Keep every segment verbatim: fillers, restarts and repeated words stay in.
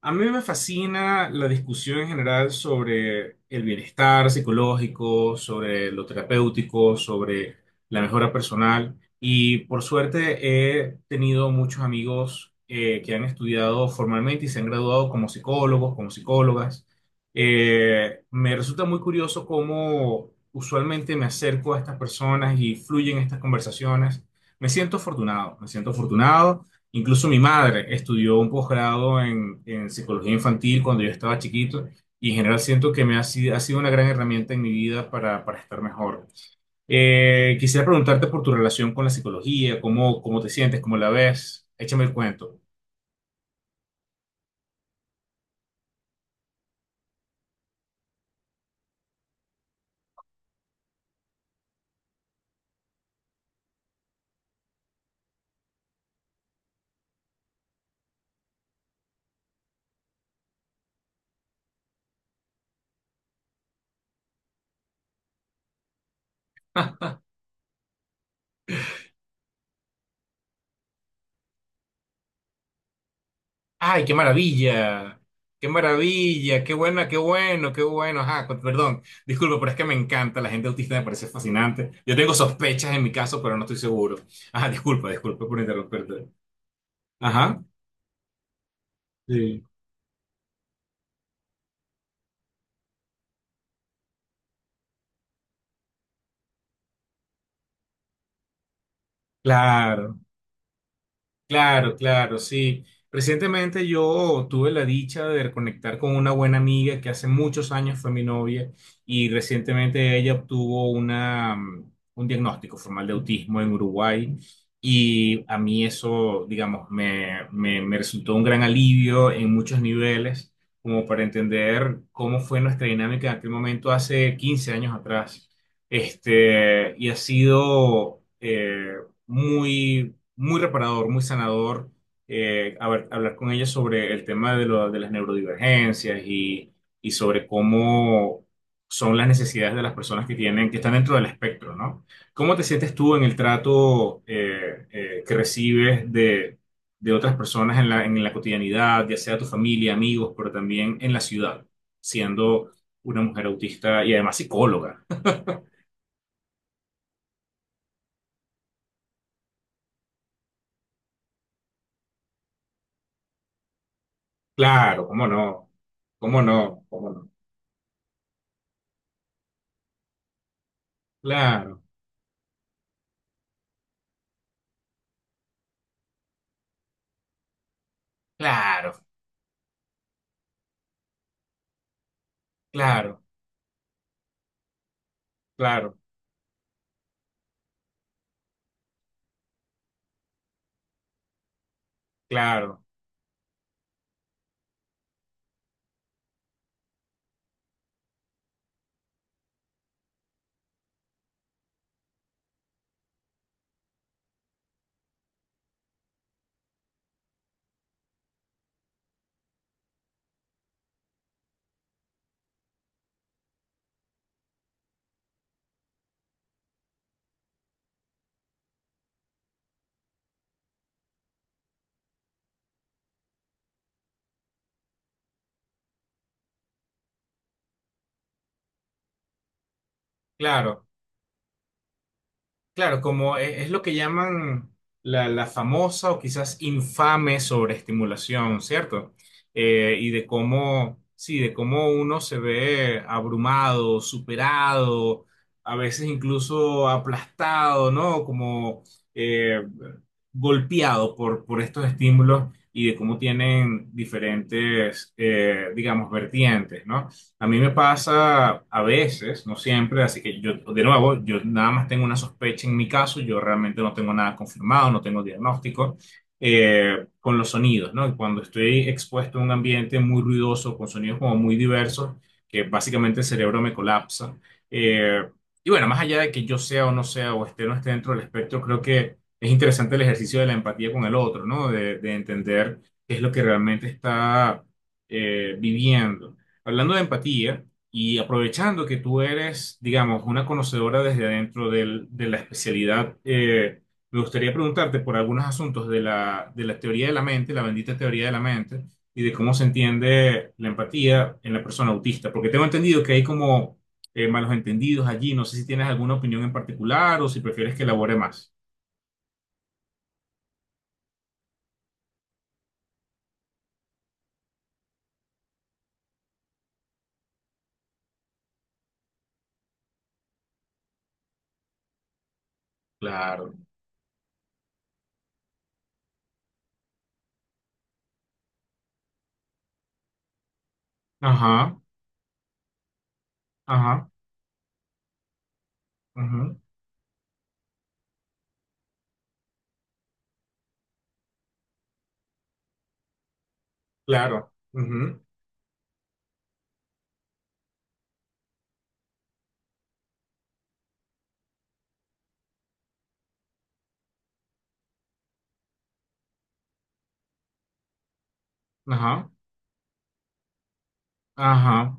A mí me fascina la discusión en general sobre el bienestar psicológico, sobre lo terapéutico, sobre la mejora personal. Y por suerte he tenido muchos amigos eh, que han estudiado formalmente y se han graduado como psicólogos, como psicólogas. Eh, me resulta muy curioso cómo usualmente me acerco a estas personas y fluyen estas conversaciones. Me siento afortunado, me siento afortunado. Incluso mi madre estudió un posgrado en, en psicología infantil cuando yo estaba chiquito y en general siento que me ha sido, ha sido una gran herramienta en mi vida para, para estar mejor. Eh, quisiera preguntarte por tu relación con la psicología, cómo, cómo te sientes, cómo la ves. Échame el cuento. ¡Ay, qué maravilla! ¡Qué maravilla! ¡Qué buena, qué bueno, qué bueno! Ajá, con- perdón, disculpa, pero es que me encanta. La gente autista me parece fascinante. Yo tengo sospechas en mi caso, pero no estoy seguro. Ajá, disculpa, disculpa por interrumpirte. Ajá. Sí. Claro, claro, claro, sí. Recientemente yo tuve la dicha de reconectar con una buena amiga que hace muchos años fue mi novia y recientemente ella obtuvo una, mm, un diagnóstico formal de autismo en Uruguay y a mí eso, digamos, me, me, me resultó un gran alivio en muchos niveles, como para entender cómo fue nuestra dinámica en aquel momento hace quince años atrás. Este, y ha sido... eh, muy muy reparador, muy sanador, eh, a ver, hablar con ella sobre el tema de, lo- de las neurodivergencias y, y sobre cómo son las necesidades de las personas que tienen, que están dentro del espectro, ¿no? ¿Cómo te sientes tú en el trato eh, eh, que recibes de, de otras personas en la, en la cotidianidad, ya sea tu familia, amigos, pero también en la ciudad, siendo una mujer autista y además psicóloga? Claro, cómo no, cómo no, cómo no. Claro, claro. Claro, claro, claro, claro, claro, como e- es, lo que llaman la, la famosa o quizás infame sobreestimulación, ¿cierto? Eh, y de cómo, sí, de cómo uno se ve abrumado, superado, a veces incluso aplastado, ¿no? Como eh, golpeado por, por estos estímulos y de cómo tienen diferentes, eh, digamos, vertientes, ¿no? A mí me pasa a veces, no siempre, así que yo, de nuevo, yo nada más tengo una sospecha en mi caso, yo realmente no tengo nada confirmado, no tengo diagnóstico, eh, con los sonidos, ¿no? Y cuando estoy expuesto a un ambiente muy ruidoso, con sonidos como muy diversos, que básicamente el cerebro me colapsa. Eh, y bueno, más allá de que yo sea o no sea, o esté o no esté dentro del espectro, creo que es interesante el ejercicio de la empatía con el otro, ¿no? De, de entender qué es lo que realmente está eh, viviendo. Hablando de empatía y aprovechando que tú eres, digamos, una conocedora desde adentro del- de la especialidad, eh, me gustaría preguntarte por algunos asuntos de la, de la teoría de la mente, la bendita teoría de la mente, y de cómo se entiende la empatía en la persona autista, porque tengo entendido que hay como eh, malos entendidos allí. No sé si tienes alguna opinión en particular o si prefieres que elabore más. Claro. Ajá, ajá, ujú. Claro. Ujú, ajá, ajá.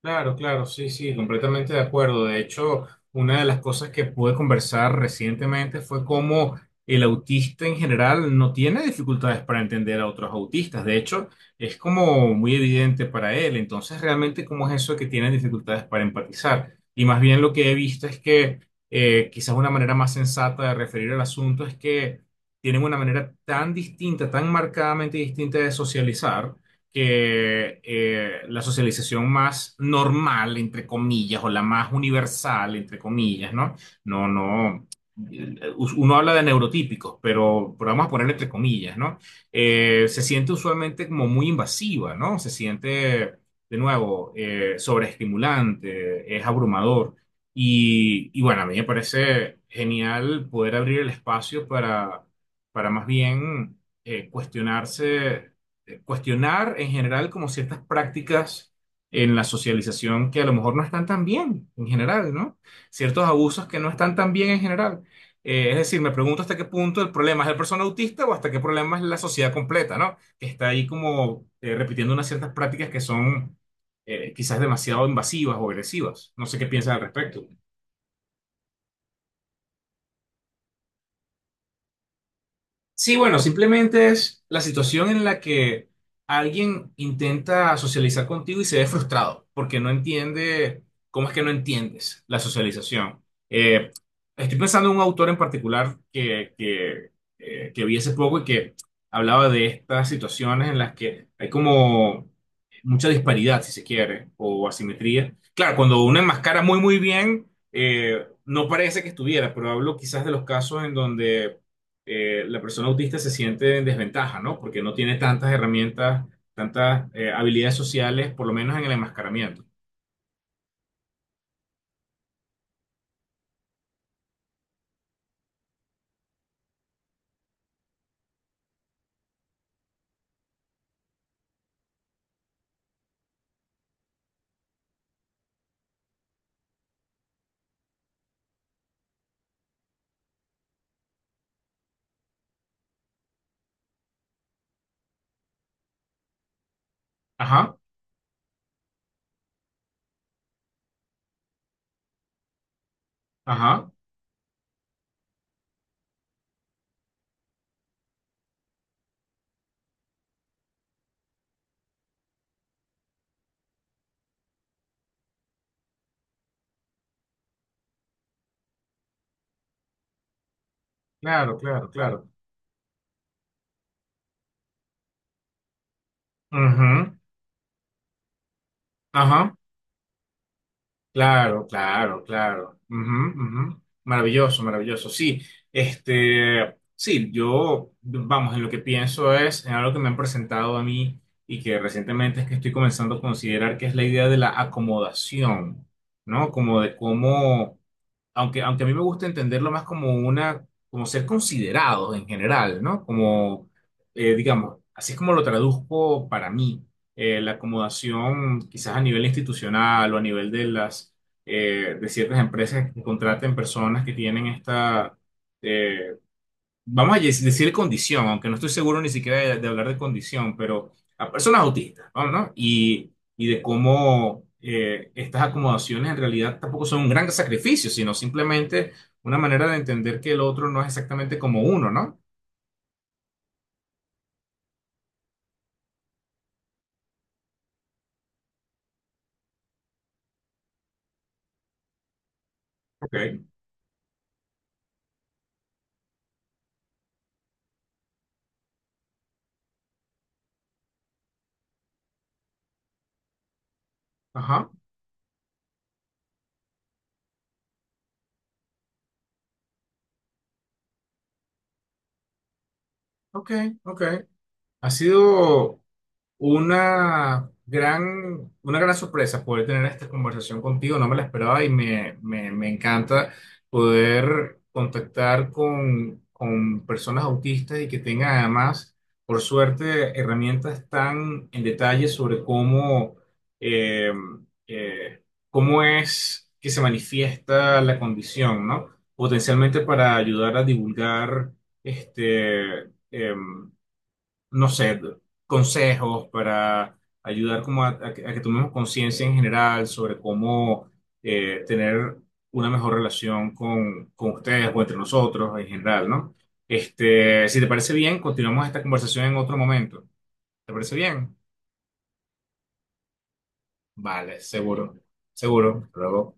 Claro, claro, sí, sí, completamente de acuerdo. De hecho, una de las cosas que pude conversar recientemente fue cómo el autista en general no tiene dificultades para entender a otros autistas. De hecho, es como muy evidente para él. Entonces, realmente, ¿cómo es eso de que tienen dificultades para empatizar? Y más bien lo que he visto es que eh, quizás una manera más sensata de referir al asunto es que tienen una manera tan distinta, tan marcadamente distinta de socializar que eh, la socialización más normal, entre comillas, o la más universal, entre comillas, ¿no? No, no. eh, Uno habla de neurotípicos, pero, pero vamos a poner entre comillas, ¿no? Eh, se siente usualmente como muy invasiva, ¿no? Se siente, de nuevo, eh, sobreestimulante, es abrumador. Y, y bueno, a mí me parece genial poder abrir el espacio para, para más bien eh, cuestionarse, eh, cuestionar en general como ciertas prácticas en la socialización que a lo mejor no están tan bien en general, ¿no? Ciertos abusos que no están tan bien en general. Eh, es decir, me pregunto hasta qué punto el problema es el persona autista o hasta qué problema es la sociedad completa, ¿no? Que está ahí como eh, repitiendo unas ciertas prácticas que son eh, quizás demasiado invasivas o agresivas. No sé qué piensas al respecto. Sí, bueno, simplemente es la situación en la que alguien intenta socializar contigo y se ve frustrado porque no entiende, ¿cómo es que no entiendes la socialización? Eh, Estoy pensando en un autor en particular que, que, eh, que vi hace poco y que hablaba de estas situaciones en las que hay como mucha disparidad, si se quiere, o asimetría. Claro, cuando uno enmascara muy, muy bien, eh, no parece que estuviera, pero hablo quizás de los casos en donde eh, la persona autista se siente en desventaja, ¿no? Porque no tiene tantas herramientas, tantas eh, habilidades sociales, por lo menos en el enmascaramiento. Ajá, ajá, claro, claro, claro. Ujú, ajá, claro, claro, claro. Ujú, ujú. Maravilloso, maravilloso. Sí, este, sí, yo, vamos, en lo que pienso es, en algo que me han presentado a mí y que recientemente es que estoy comenzando a considerar que es la idea de la acomodación, ¿no? Como de cómo aunque, aunque a mí me gusta entenderlo más como una, como ser considerados en general, ¿no? Como, eh, digamos, así es como lo traduzco para mí, eh, la acomodación quizás a nivel institucional o a nivel de las, eh, de ciertas empresas que contraten personas que tienen esta, eh, vamos a yes- decir condición, aunque no estoy seguro ni siquiera de, de hablar de condición, pero a personas autistas, vamos, ¿no? Y, y de cómo eh, estas acomodaciones en realidad tampoco son un gran sacrificio, sino simplemente una manera de entender que el otro no es exactamente como uno, ¿no? Ok, ajá, ok, ok. Ha sido una gran, una gran sorpresa poder tener esta conversación contigo, no me la esperaba y me, me, me encanta poder contactar con, con personas autistas y que tengan además, por suerte, herramientas tan en detalle sobre cómo, eh, eh, cómo es que se manifiesta la condición, ¿no? Potencialmente para ayudar a divulgar este, em, no sé, consejos para ayudar como a, a que, a que tomemos conciencia en general sobre cómo eh, tener una mejor relación con, con ustedes o entre nosotros en general, ¿no? Este, si te parece bien, continuamos esta conversación en otro momento. ¿Te parece bien? Vale, seguro, seguro. Hasta luego.